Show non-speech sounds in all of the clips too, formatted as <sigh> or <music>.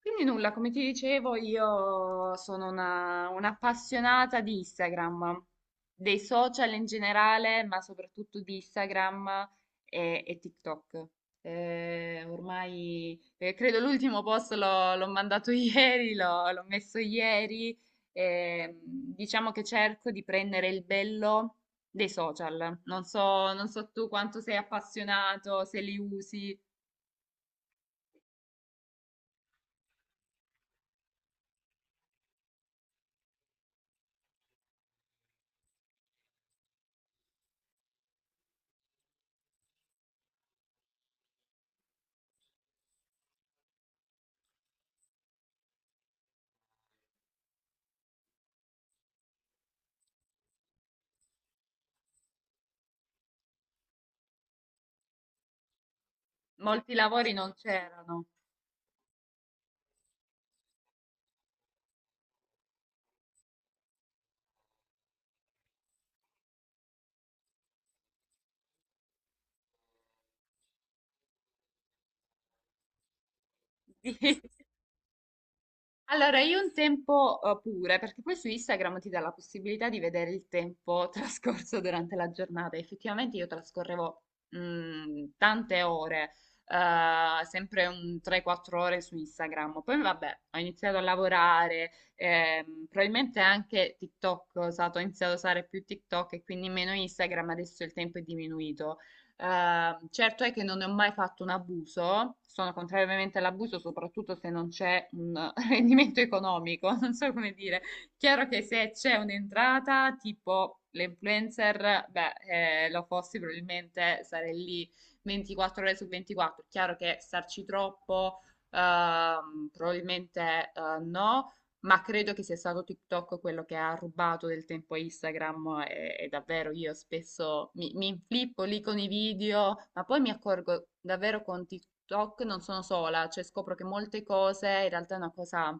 Quindi nulla, come ti dicevo, io sono un'appassionata di Instagram, dei social in generale, ma soprattutto di Instagram e TikTok. Ormai credo l'ultimo post l'ho mandato <laughs> ieri, l'ho messo ieri. Diciamo che cerco di prendere il bello dei social. Non so tu quanto sei appassionato, se li usi. Molti lavori non c'erano. <laughs> Sì. Allora, io un tempo pure, perché poi su Instagram ti dà la possibilità di vedere il tempo <laughs> trascorso durante la giornata. Effettivamente io trascorrevo tante ore, sempre un 3-4 ore su Instagram. Poi vabbè, ho iniziato a lavorare, probabilmente anche TikTok ho usato, ho iniziato a usare più TikTok e quindi meno Instagram, adesso il tempo è diminuito. Certo è che non ne ho mai fatto un abuso, sono contrariamente all'abuso, soprattutto se non c'è un <laughs> rendimento economico, non so come dire. Chiaro che se c'è un'entrata, tipo le influencer, beh, lo fossi probabilmente sarei lì 24 ore su 24. Chiaro che starci troppo, probabilmente no. Ma credo che sia stato TikTok quello che ha rubato del tempo a Instagram e davvero io spesso mi inflippo lì con i video, ma poi mi accorgo davvero con TikTok non sono sola, cioè scopro che molte cose in realtà è una cosa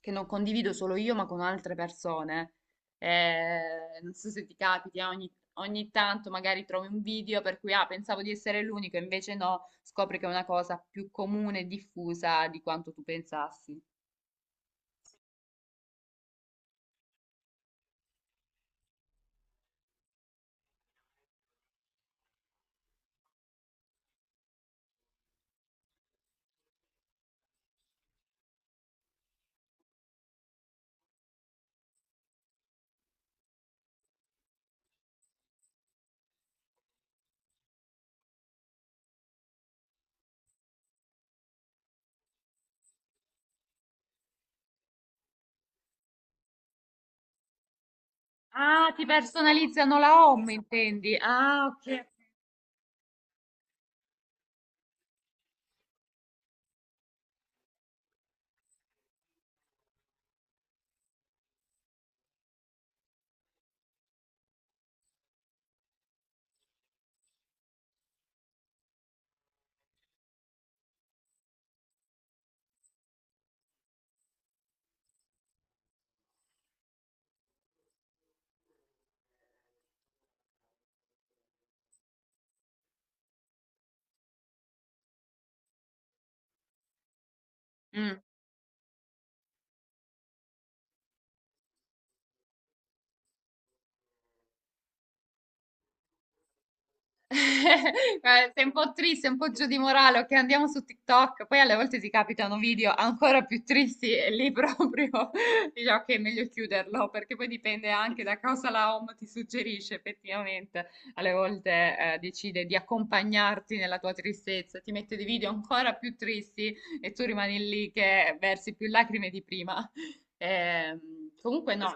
che non condivido solo io ma con altre persone. Non so se ti capiti, ogni tanto magari trovi un video per cui ah, pensavo di essere l'unico, invece no, scopri che è una cosa più comune e diffusa di quanto tu pensassi. Ah, ti personalizzano la home, intendi? Ah, ok. Mm. <laughs> Sei un po' triste, un po' giù di morale, ok, andiamo su TikTok. Poi alle volte ti capitano video ancora più tristi e lì <laughs> proprio dici ok, è meglio chiuderlo perché poi dipende anche da cosa la home ti suggerisce effettivamente. Alle volte decide di accompagnarti nella tua tristezza, ti mette dei video ancora più tristi e tu rimani lì che versi più lacrime di prima. Ehm, Comunque no.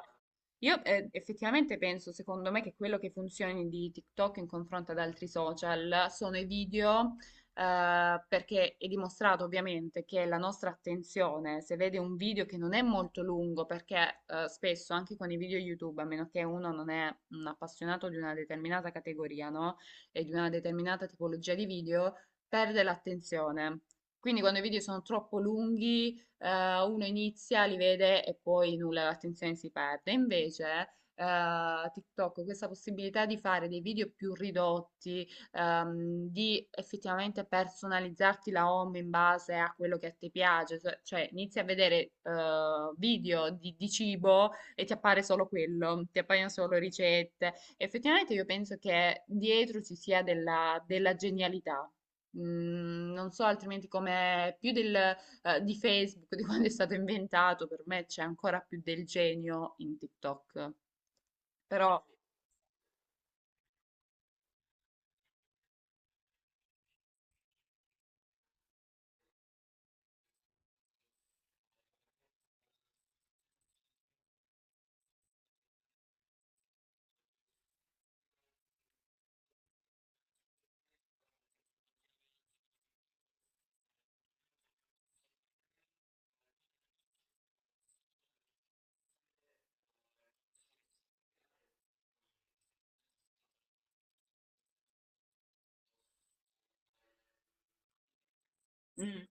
Io effettivamente penso, secondo me, che quello che funzioni di TikTok in confronto ad altri social sono i video, perché è dimostrato ovviamente che la nostra attenzione, se vede un video che non è molto lungo, perché spesso anche con i video YouTube, a meno che uno non è un appassionato di una determinata categoria, no? E di una determinata tipologia di video, perde l'attenzione. Quindi quando i video sono troppo lunghi uno inizia, li vede e poi nulla, l'attenzione si perde. Invece, TikTok, questa possibilità di fare dei video più ridotti, di effettivamente personalizzarti la home in base a quello che a te piace, cioè inizi a vedere video di cibo e ti appare solo quello, ti appaiono solo ricette. Effettivamente io penso che dietro ci sia della genialità. Non so altrimenti come più di Facebook, <laughs> di quando è stato inventato, per me c'è ancora più del genio in TikTok. Però mm,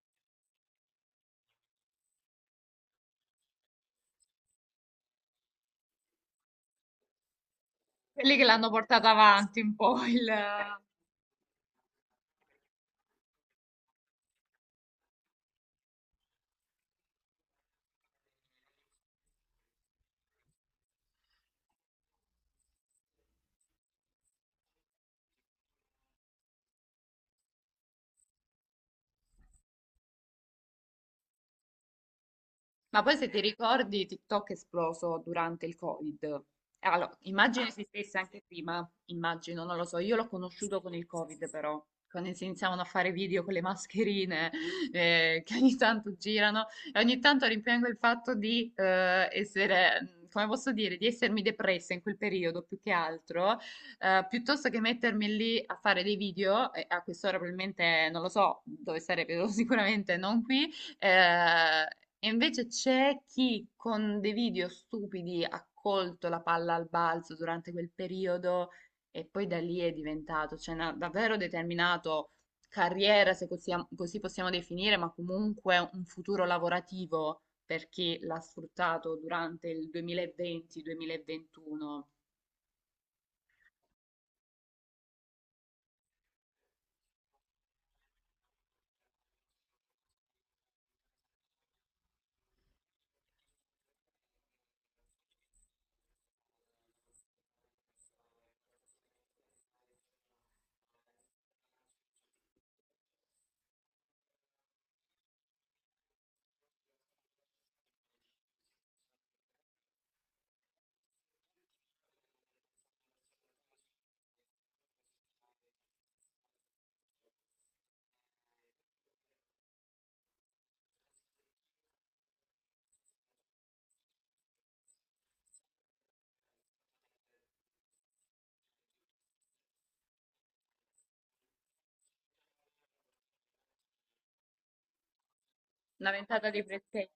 quelli che l'hanno portato avanti un po' il. Ma poi se ti ricordi, TikTok è esploso durante il Covid. Allora, immagino esistesse anche prima, immagino, non lo so, io l'ho conosciuto con il Covid però, quando si iniziavano a fare video con le mascherine che ogni tanto girano e ogni tanto rimpiango il fatto di essere, come posso dire, di essermi depressa in quel periodo più che altro, piuttosto che mettermi lì a fare dei video, e a quest'ora probabilmente, non lo so, dove sarebbe <laughs> sicuramente non qui, eh, e invece c'è chi con dei video stupidi ha colto la palla al balzo durante quel periodo e poi da lì è diventato, cioè, davvero determinato carriera, se così possiamo definire, ma comunque un futuro lavorativo per chi l'ha sfruttato durante il 2020-2021. Una ventata di presenza.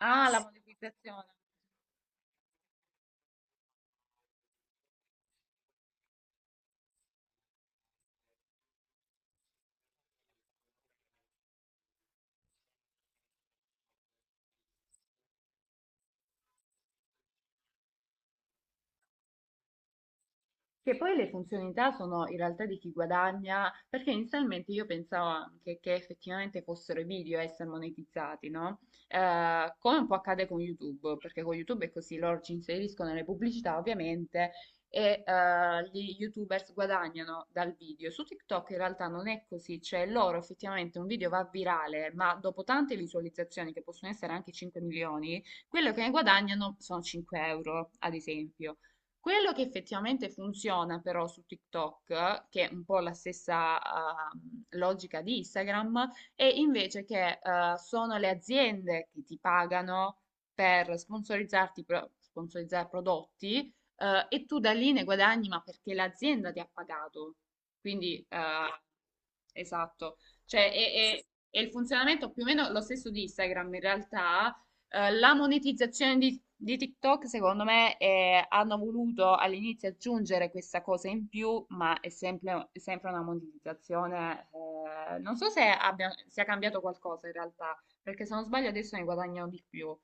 Ah, la. Che poi le funzionalità sono in realtà di chi guadagna, perché inizialmente io pensavo anche che effettivamente fossero i video a essere monetizzati, no? Come un po' accade con YouTube, perché con YouTube è così, loro ci inseriscono le pubblicità ovviamente e gli YouTubers guadagnano dal video. Su TikTok in realtà non è così, cioè loro effettivamente un video va virale, ma dopo tante visualizzazioni, che possono essere anche 5 milioni, quello che ne guadagnano sono 5 euro, ad esempio. Quello che effettivamente funziona però su TikTok, che è un po' la stessa logica di Instagram, è invece che sono le aziende che ti pagano per sponsorizzarti, sponsorizzare prodotti e tu da lì ne guadagni, ma perché l'azienda ti ha pagato. Quindi, esatto, cioè è il funzionamento più o meno lo stesso di Instagram in realtà. La monetizzazione di TikTok, secondo me, hanno voluto all'inizio aggiungere questa cosa in più, ma è sempre una monetizzazione. Non so se sia cambiato qualcosa in realtà, perché se non sbaglio adesso ne guadagnano di più.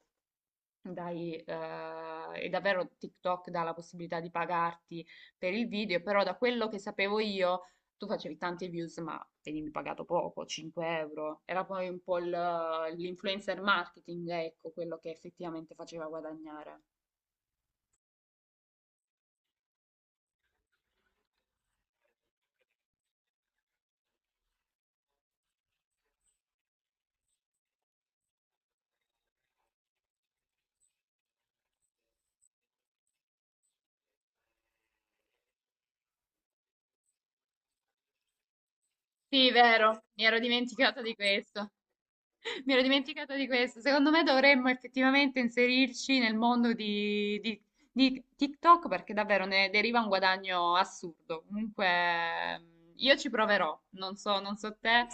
Dai, e davvero TikTok dà la possibilità di pagarti per il video, però da quello che sapevo io, tu facevi tante views, ma venivi pagato poco, 5 euro. Era poi un po' l'influencer marketing, ecco, quello che effettivamente faceva guadagnare. Sì, vero, mi ero dimenticata di questo. <laughs> Mi ero dimenticata di questo. Secondo me dovremmo effettivamente inserirci nel mondo di TikTok perché davvero ne deriva un guadagno assurdo. Comunque, io ci proverò. Non so te.